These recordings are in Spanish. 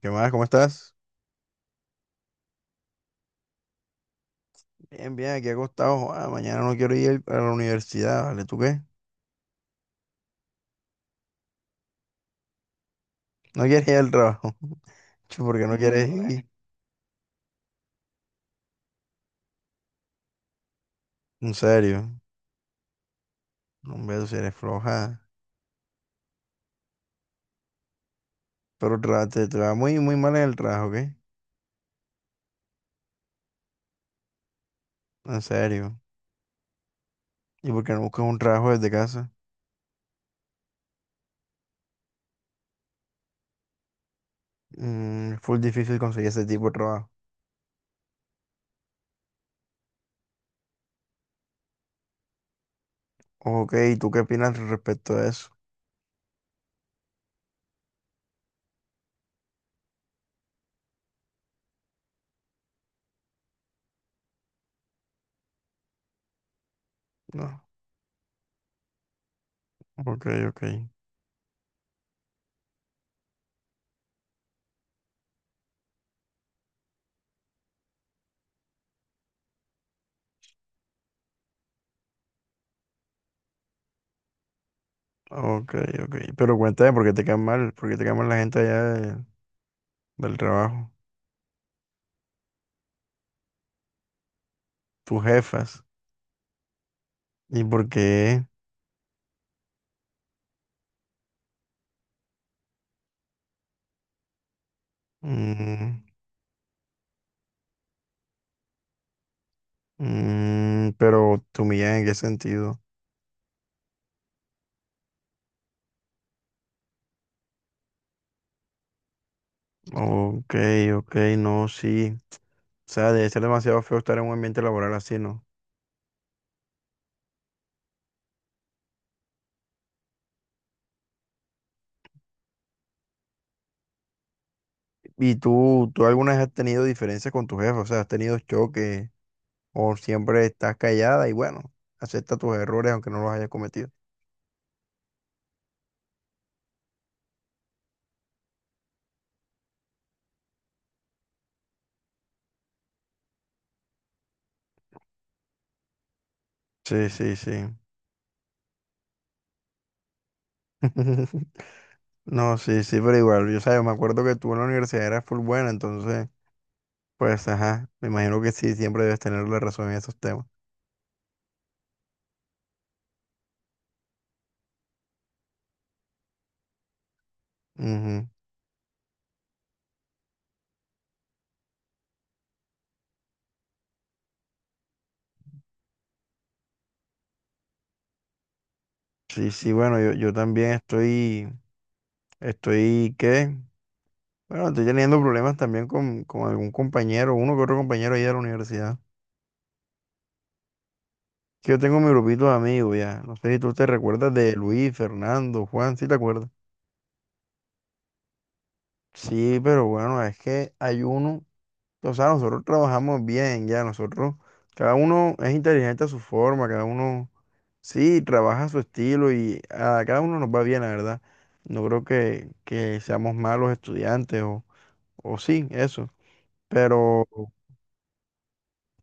¿Qué más? ¿Cómo estás? Bien, bien, aquí acostado. Ah, mañana no quiero ir a la universidad, ¿vale? ¿Tú qué? No quieres ir al trabajo. Chu, ¿por qué no quieres ir? En serio. No, hombre, tú si eres floja. Pero te va muy, muy mal en el trabajo, ¿qué? En serio. ¿Y por qué no buscas un trabajo desde casa? Es full difícil conseguir ese tipo de trabajo. Ok, ¿y tú qué opinas respecto a eso? No. Ok, ok. Ok, ok. Pero cuéntame, ¿por qué te cae mal? ¿Por qué te cae mal la gente allá del trabajo? Tus jefas. ¿Y por qué? Mm, pero tu humillan en qué sentido? Ok, ok, no, sí. O sea, debe ser demasiado feo estar en un ambiente laboral así, ¿no? ¿Y tú alguna vez has tenido diferencias con tu jefe? O sea, ¿has tenido choques o siempre estás callada y bueno, acepta tus errores aunque no los hayas cometido? Sí, sí, sí. No, sí, sí, pero igual, yo, sabes me acuerdo que tú en la universidad eras full buena, entonces, pues, ajá, me imagino que sí, siempre debes tener la razón en esos temas. Ujú. Sí, sí, bueno, yo también estoy, ¿qué? Bueno, estoy teniendo problemas también con algún compañero, uno que otro compañero ahí de la universidad. Que yo tengo mi grupito de amigos ya. No sé si tú te recuerdas de Luis, Fernando, Juan, ¿sí te acuerdas? Sí, pero bueno, es que hay uno, o sea, nosotros trabajamos bien ya, nosotros, cada uno es inteligente a su forma, cada uno, sí, trabaja a su estilo y a cada uno nos va bien, la verdad. No creo que seamos malos estudiantes o O sí, eso. Pero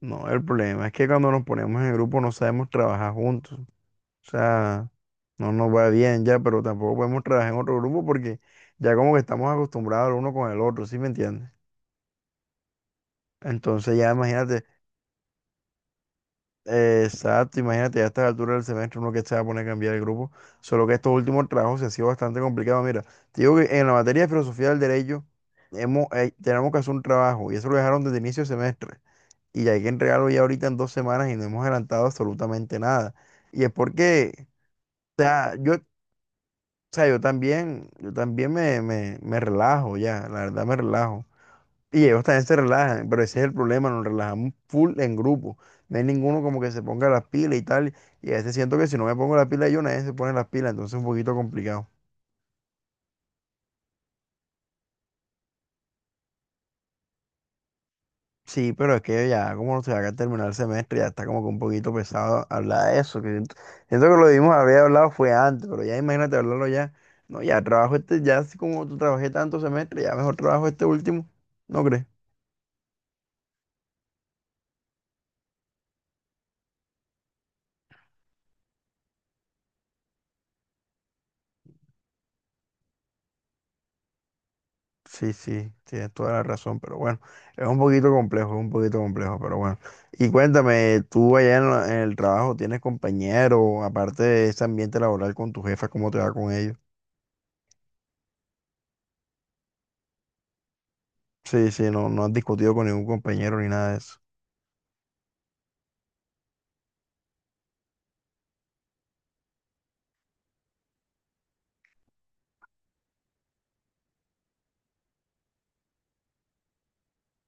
no, el problema es que cuando nos ponemos en grupo no sabemos trabajar juntos. O sea, no nos va bien ya, pero tampoco podemos trabajar en otro grupo porque ya como que estamos acostumbrados el uno con el otro, ¿sí me entiendes? Entonces ya imagínate, exacto, imagínate ya a esta altura del semestre uno que se va a poner a cambiar el grupo. Solo que estos últimos trabajos se han sido bastante complicados. Mira, te digo que en la materia de filosofía del derecho tenemos que hacer un trabajo y eso lo dejaron desde inicio de semestre. Y hay que entregarlo ya ahorita en 2 semanas y no hemos adelantado absolutamente nada. Y es porque, o sea, yo también me relajo ya, la verdad me relajo. Y ellos también se relajan, pero ese es el problema, nos relajamos full en grupo. No hay ninguno como que se ponga las pilas y tal. Y a veces siento que si no me pongo las pilas yo, nadie se pone las pilas, entonces es un poquito complicado. Sí, pero es que ya como se va a terminar el semestre, ya está como que un poquito pesado hablar de eso. Que siento que lo vimos, habría hablado fue antes, pero ya imagínate hablarlo ya. No, ya trabajo este, ya así como tú trabajé tanto semestre, ya mejor trabajo este último, ¿no crees? Sí, sí, tienes toda la razón, pero bueno, es un poquito complejo, es un poquito complejo, pero bueno. Y cuéntame, tú allá en el trabajo, ¿tienes compañero, aparte de ese ambiente laboral con tu jefa, cómo te va con ellos? Sí, sí, no, no has discutido con ningún compañero ni nada de eso.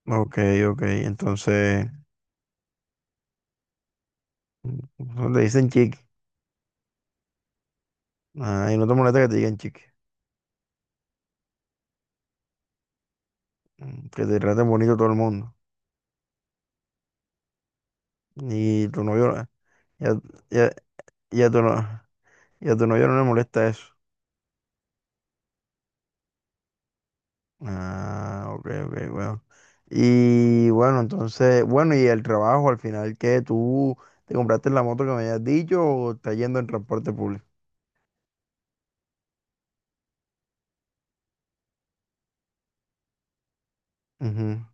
Ok, ok. Entonces, le dicen chiqui. Ah, y no te molesta que te digan chiqui. Que te traten bonito todo el mundo. Y tu novio, ya, ya, ya tu no, y a tu novio no le molesta eso. Ah, ok, ok, bueno. Y bueno, entonces, bueno, y el trabajo al final, ¿qué? ¿Tú te compraste la moto que me habías dicho o estás yendo en transporte público? Ujú.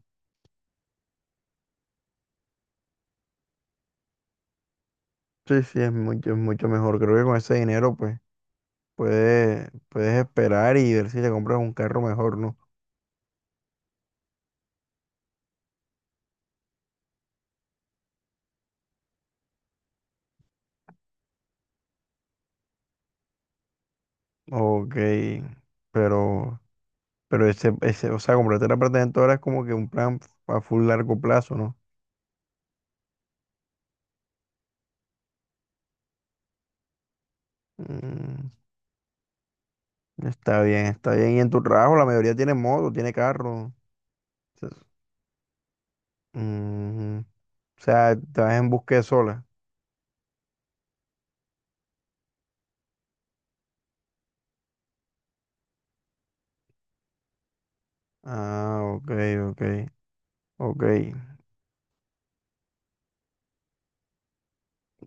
Sí, sí, es mucho mejor. Creo que con ese dinero, pues, puedes esperar y ver si te compras un carro mejor, ¿no? Ok, pero, pero ese, o sea, comprarte la patente ahora es como que un plan a full largo plazo, ¿no? Mm, está bien, está bien. Y en tu trabajo la mayoría tiene moto, tiene carro. Entonces, mm, o sea, te vas en búsqueda sola. Ah, ok, ok, ok.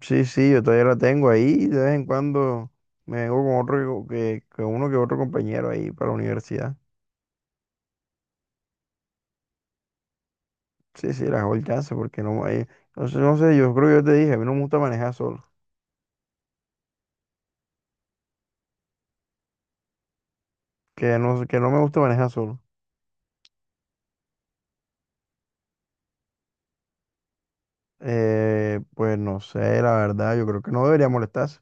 Sí, sí, yo todavía la tengo ahí. De vez en cuando me vengo con otro que uno que otro compañero ahí para la universidad. Sí, sí, la hago el chance porque no, no sé, no sé, yo creo que yo te dije, a mí no me gusta manejar solo. Que no, que no me gusta manejar solo. Pues no sé, la verdad, yo creo que no debería molestarse,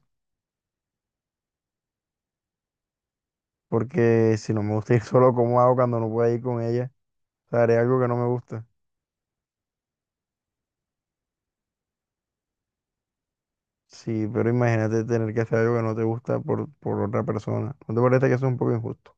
porque si no me gusta ir solo, ¿cómo hago cuando no pueda ir con ella? O sea, haré algo que no me gusta. Sí, pero imagínate tener que hacer algo que no te gusta por otra persona. ¿No te parece que eso es un poco injusto?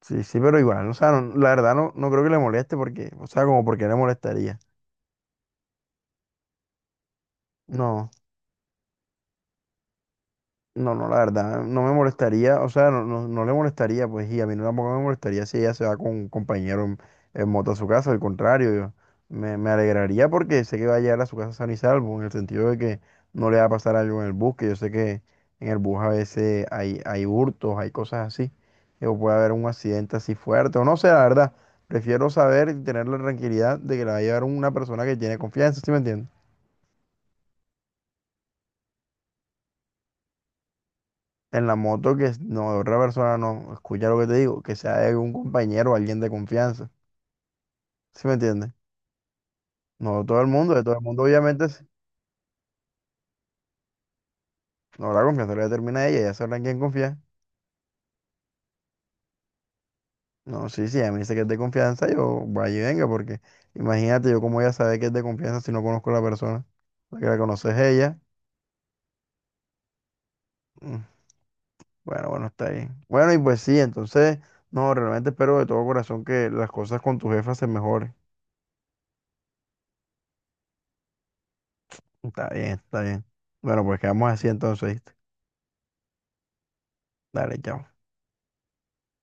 Sí, sí, pero igual, o sea, la verdad no, no creo que le moleste porque, o sea, como porque le molestaría. No. No, no, la verdad, no me molestaría, o sea, no, no, no le molestaría, pues, y a mí no tampoco me molestaría si ella se va con un compañero en moto a su casa, al contrario, yo me alegraría porque sé que va a llegar a su casa sano y salvo, en el sentido de que no le va a pasar algo en el bus, que yo sé que en el bus a veces hay hurtos, hay cosas así, o puede haber un accidente así fuerte, o no sé, la verdad, prefiero saber y tener la tranquilidad de que la va a llevar una persona que tiene confianza, ¿sí me entiendes? En la moto que no, otra persona no, escucha lo que te digo, que sea de un compañero o alguien de confianza. ¿Sí me entiendes? No todo el mundo, de todo el mundo obviamente sí. No, la confianza la determina ella, ella sabrá en quién confía. No, sí, sí, a mí dice que es de confianza, yo vaya y venga, porque imagínate yo cómo ella sabe que es de confianza si no conozco a la persona. La que la conoces es ella. Mm, Bueno, bueno, está bien. Bueno, y pues sí, entonces, no, realmente espero de todo corazón que las cosas con tu jefa se mejoren. Está bien, está bien. Bueno, pues quedamos así entonces, ¿viste? Dale, chao.